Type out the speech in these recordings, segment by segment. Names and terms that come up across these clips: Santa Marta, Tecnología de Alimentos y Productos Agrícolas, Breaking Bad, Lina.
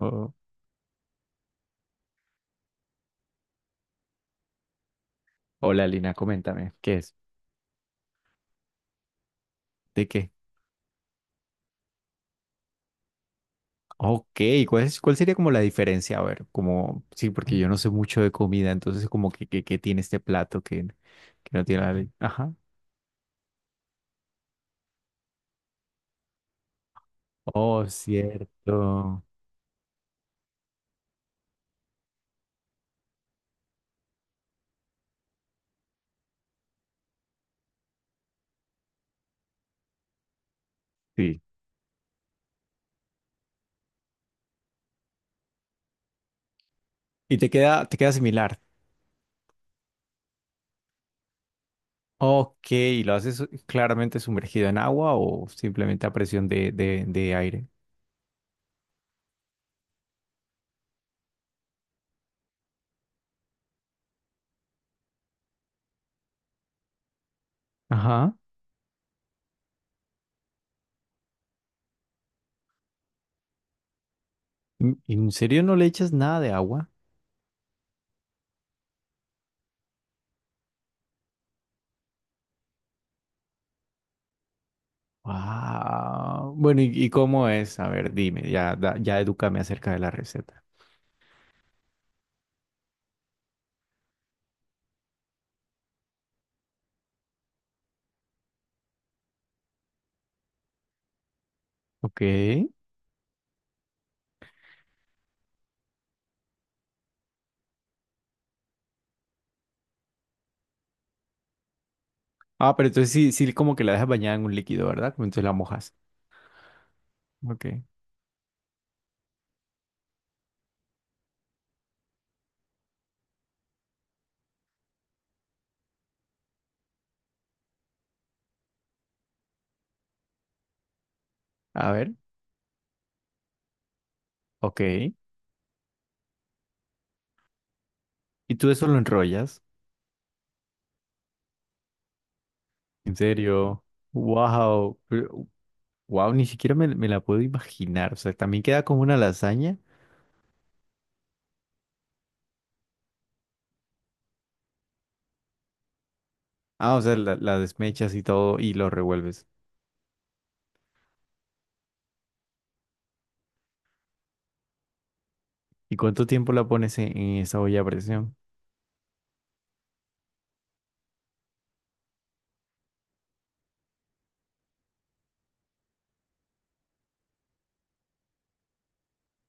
Oh, hola Lina, coméntame, ¿qué es? ¿De qué? Ok, ¿cuál es, cuál sería como la diferencia? A ver, como, sí, porque yo no sé mucho de comida, entonces como que tiene este plato que no tiene la ley. Ajá. Oh, cierto. Sí. ¿Y te queda similar? Ok, ¿y lo haces claramente sumergido en agua o simplemente a presión de aire? Ajá. En serio no le echas nada de agua? Wow. Bueno, y cómo es? A ver, dime, ya, ya edúcame acerca de la receta. Ok. Ah, pero entonces sí, sí, como que la dejas bañada en un líquido, ¿verdad? Como entonces la mojas. Ok. A ver, ok. ¿Y tú eso lo enrollas? ¿En serio? Wow. Wow, ni siquiera me la puedo imaginar. O sea, también queda como una lasaña. Ah, o sea, la desmechas y todo y lo revuelves. ¿Y cuánto tiempo la pones en esa olla a presión?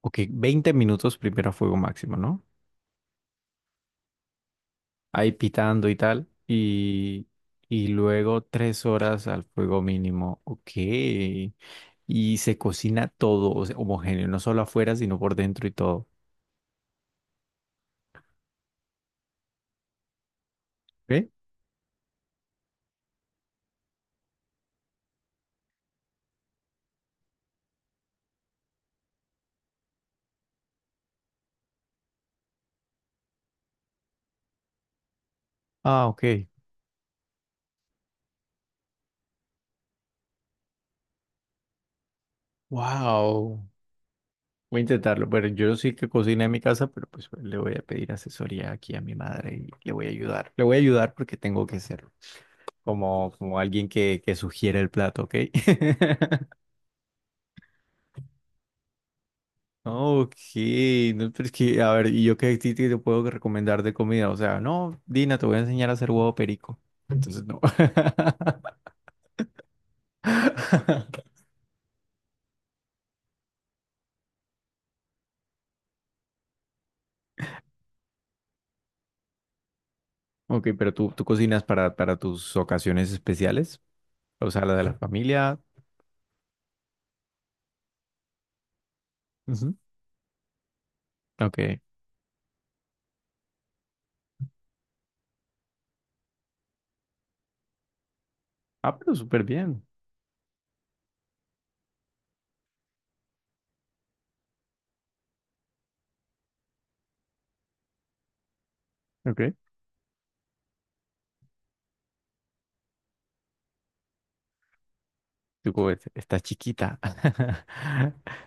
Ok, 20 minutos primero a fuego máximo, ¿no? Ahí pitando y tal, y luego 3 horas al fuego mínimo. Ok. Y se cocina todo, o sea, homogéneo, no solo afuera, sino por dentro y todo. ¿Ok? Ah, ok. Wow. Voy a intentarlo, pero yo sí que cocina en mi casa, pero pues le voy a pedir asesoría aquí a mi madre y le voy a ayudar. Le voy a ayudar porque tengo que hacerlo, como, como alguien que sugiere el plato, ¿ok? Ah, ok, no, pero es que, a ver, ¿y yo qué a ti te puedo recomendar de comida? O sea, no, Dina, te voy a enseñar a hacer huevo perico. Entonces, no. Ok, pero tú cocinas para tus ocasiones especiales, o sea, la de la familia. Ujú. Ok. Ah, pero súper bien. Ok. Tú como, "Es- está chiquita".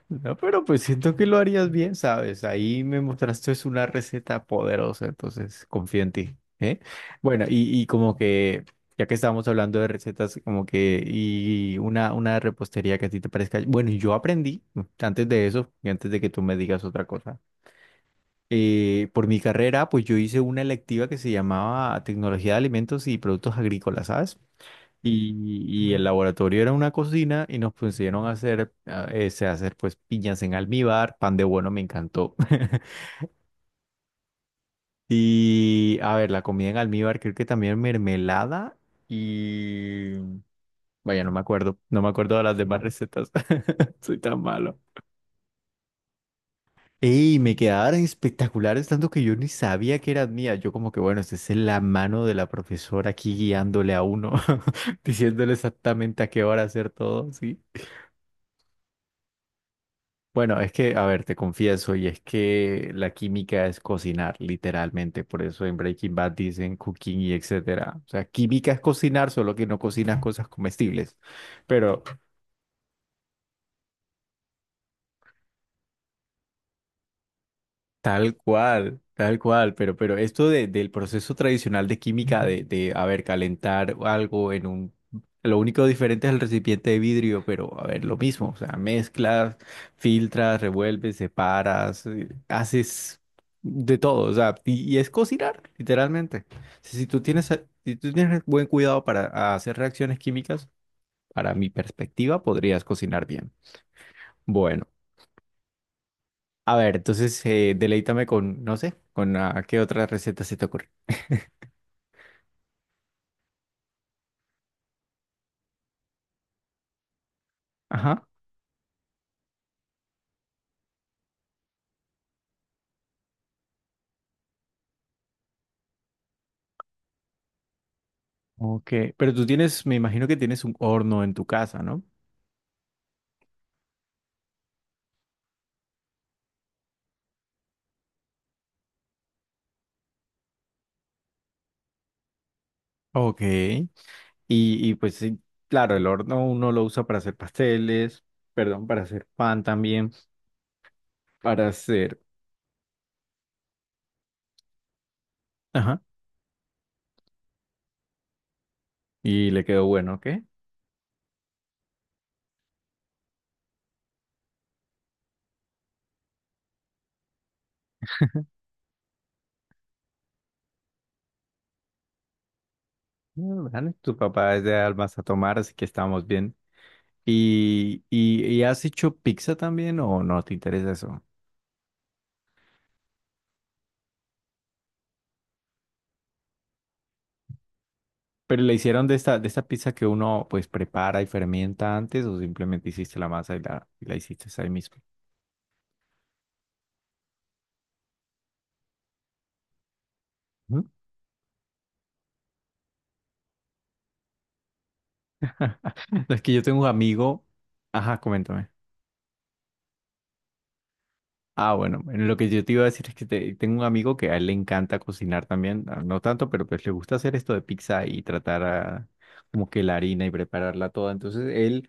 No, pero pues siento que lo harías bien, ¿sabes? Ahí me mostraste es una receta poderosa, entonces confío en ti, ¿eh? Bueno, y como que, ya que estábamos hablando de recetas, como que, y una repostería que a ti te parezca. Bueno, yo aprendí antes de eso, y antes de que tú me digas otra cosa. Eh, por mi carrera, pues yo hice una electiva que se llamaba Tecnología de Alimentos y Productos Agrícolas, ¿sabes? Y, y el laboratorio era una cocina y nos pusieron a hacer, a hacer pues piñas en almíbar, pan de bueno, me encantó. Y a ver, la comida en almíbar, creo que también mermelada y... Vaya, no me acuerdo, no me acuerdo de las demás recetas, soy tan malo. Y me quedaron espectaculares, tanto que yo ni sabía que eran mías. Yo como que, bueno, esta es la mano de la profesora aquí guiándole a uno, diciéndole exactamente a qué hora hacer todo, ¿sí? Bueno, es que, a ver, te confieso, y es que la química es cocinar, literalmente. Por eso en Breaking Bad dicen cooking y etcétera. O sea, química es cocinar, solo que no cocinas cosas comestibles. Pero tal cual, tal cual, pero esto del proceso tradicional de química, de, a ver, calentar algo en un... Lo único diferente es el recipiente de vidrio, pero a ver, lo mismo, o sea, mezclas, filtras, revuelves, separas, haces de todo, o sea, y es cocinar, literalmente. Si, si tú tienes, si tú tienes buen cuidado para hacer reacciones químicas, para mi perspectiva, podrías cocinar bien. Bueno. A ver, entonces deleítame con, no sé, con qué otra receta se te ocurre. Ajá. Ok. Pero tú tienes, me imagino que tienes un horno en tu casa, ¿no? Ok. Y pues sí, claro, el horno uno lo usa para hacer pasteles, perdón, para hacer pan también, para hacer... Ajá. Y le quedó bueno, ¿ok? Mm, vale, tu papá es de almas a tomar, así que estamos bien. Y has hecho pizza también o no te interesa eso? Pero la hicieron de esta pizza que uno pues prepara y fermenta antes o simplemente hiciste la masa y y la hiciste ahí mismo. Ujú. Es que yo tengo un amigo. Ajá, coméntame. Ah, bueno, bueno, lo que yo te iba a decir es que tengo un amigo que a él le encanta cocinar también, ah, no tanto, pero pues le gusta hacer esto de pizza y tratar como que la harina y prepararla toda. Entonces él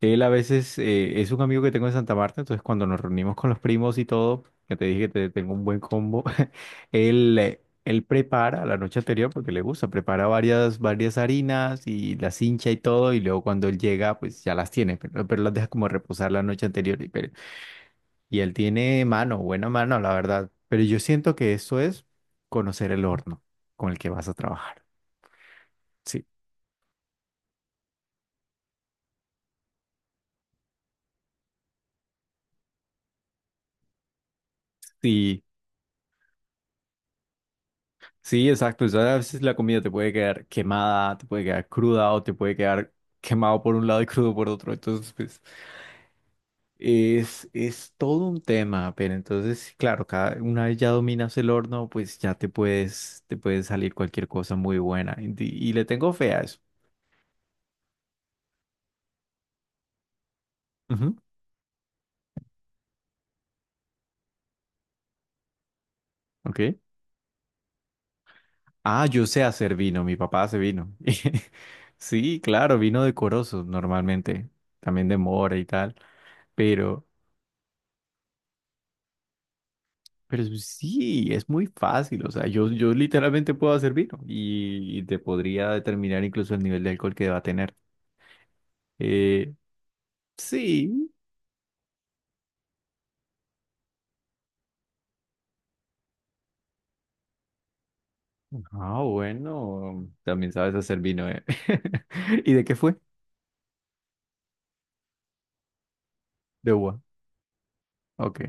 él a veces es un amigo que tengo en Santa Marta, entonces cuando nos reunimos con los primos y todo, que te dije que tengo un buen combo, él, él prepara la noche anterior porque le gusta, prepara varias harinas y las hincha y todo, y luego cuando él llega, pues ya las tiene, pero las deja como reposar la noche anterior. Y, y él tiene mano, buena mano, la verdad. Pero yo siento que eso es conocer el horno con el que vas a trabajar. Sí. Sí, sí, exacto. O sea, a veces la comida te puede quedar quemada, te puede quedar cruda o te puede quedar quemado por un lado y crudo por otro. Entonces, pues, es todo un tema, pero entonces, sí, claro, cada, una vez ya dominas el horno, pues ya te puedes, te puede salir cualquier cosa muy buena. Y le tengo fe a eso. Ujú, ok. Ah, yo sé hacer vino, mi papá hace vino. Sí, claro, vino decoroso normalmente, también de mora y tal, pero... Pero sí, es muy fácil. O sea, yo literalmente puedo hacer vino y te podría determinar incluso el nivel de alcohol que va a tener. Eh, sí. Ah, bueno. También sabes hacer vino, ¿eh? ¿Y de qué fue? De uva. Ok.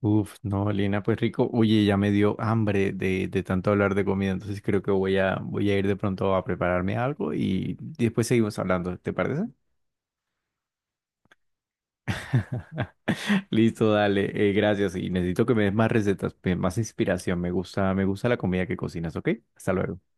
Uf, no, Lina, pues rico. Oye, ya me dio hambre de tanto hablar de comida, entonces creo que voy a, voy a ir de pronto a prepararme algo y después seguimos hablando, ¿te parece? Listo, dale, gracias. Y necesito que me des más recetas, más inspiración. Me gusta la comida que cocinas, ¿ok? Hasta luego.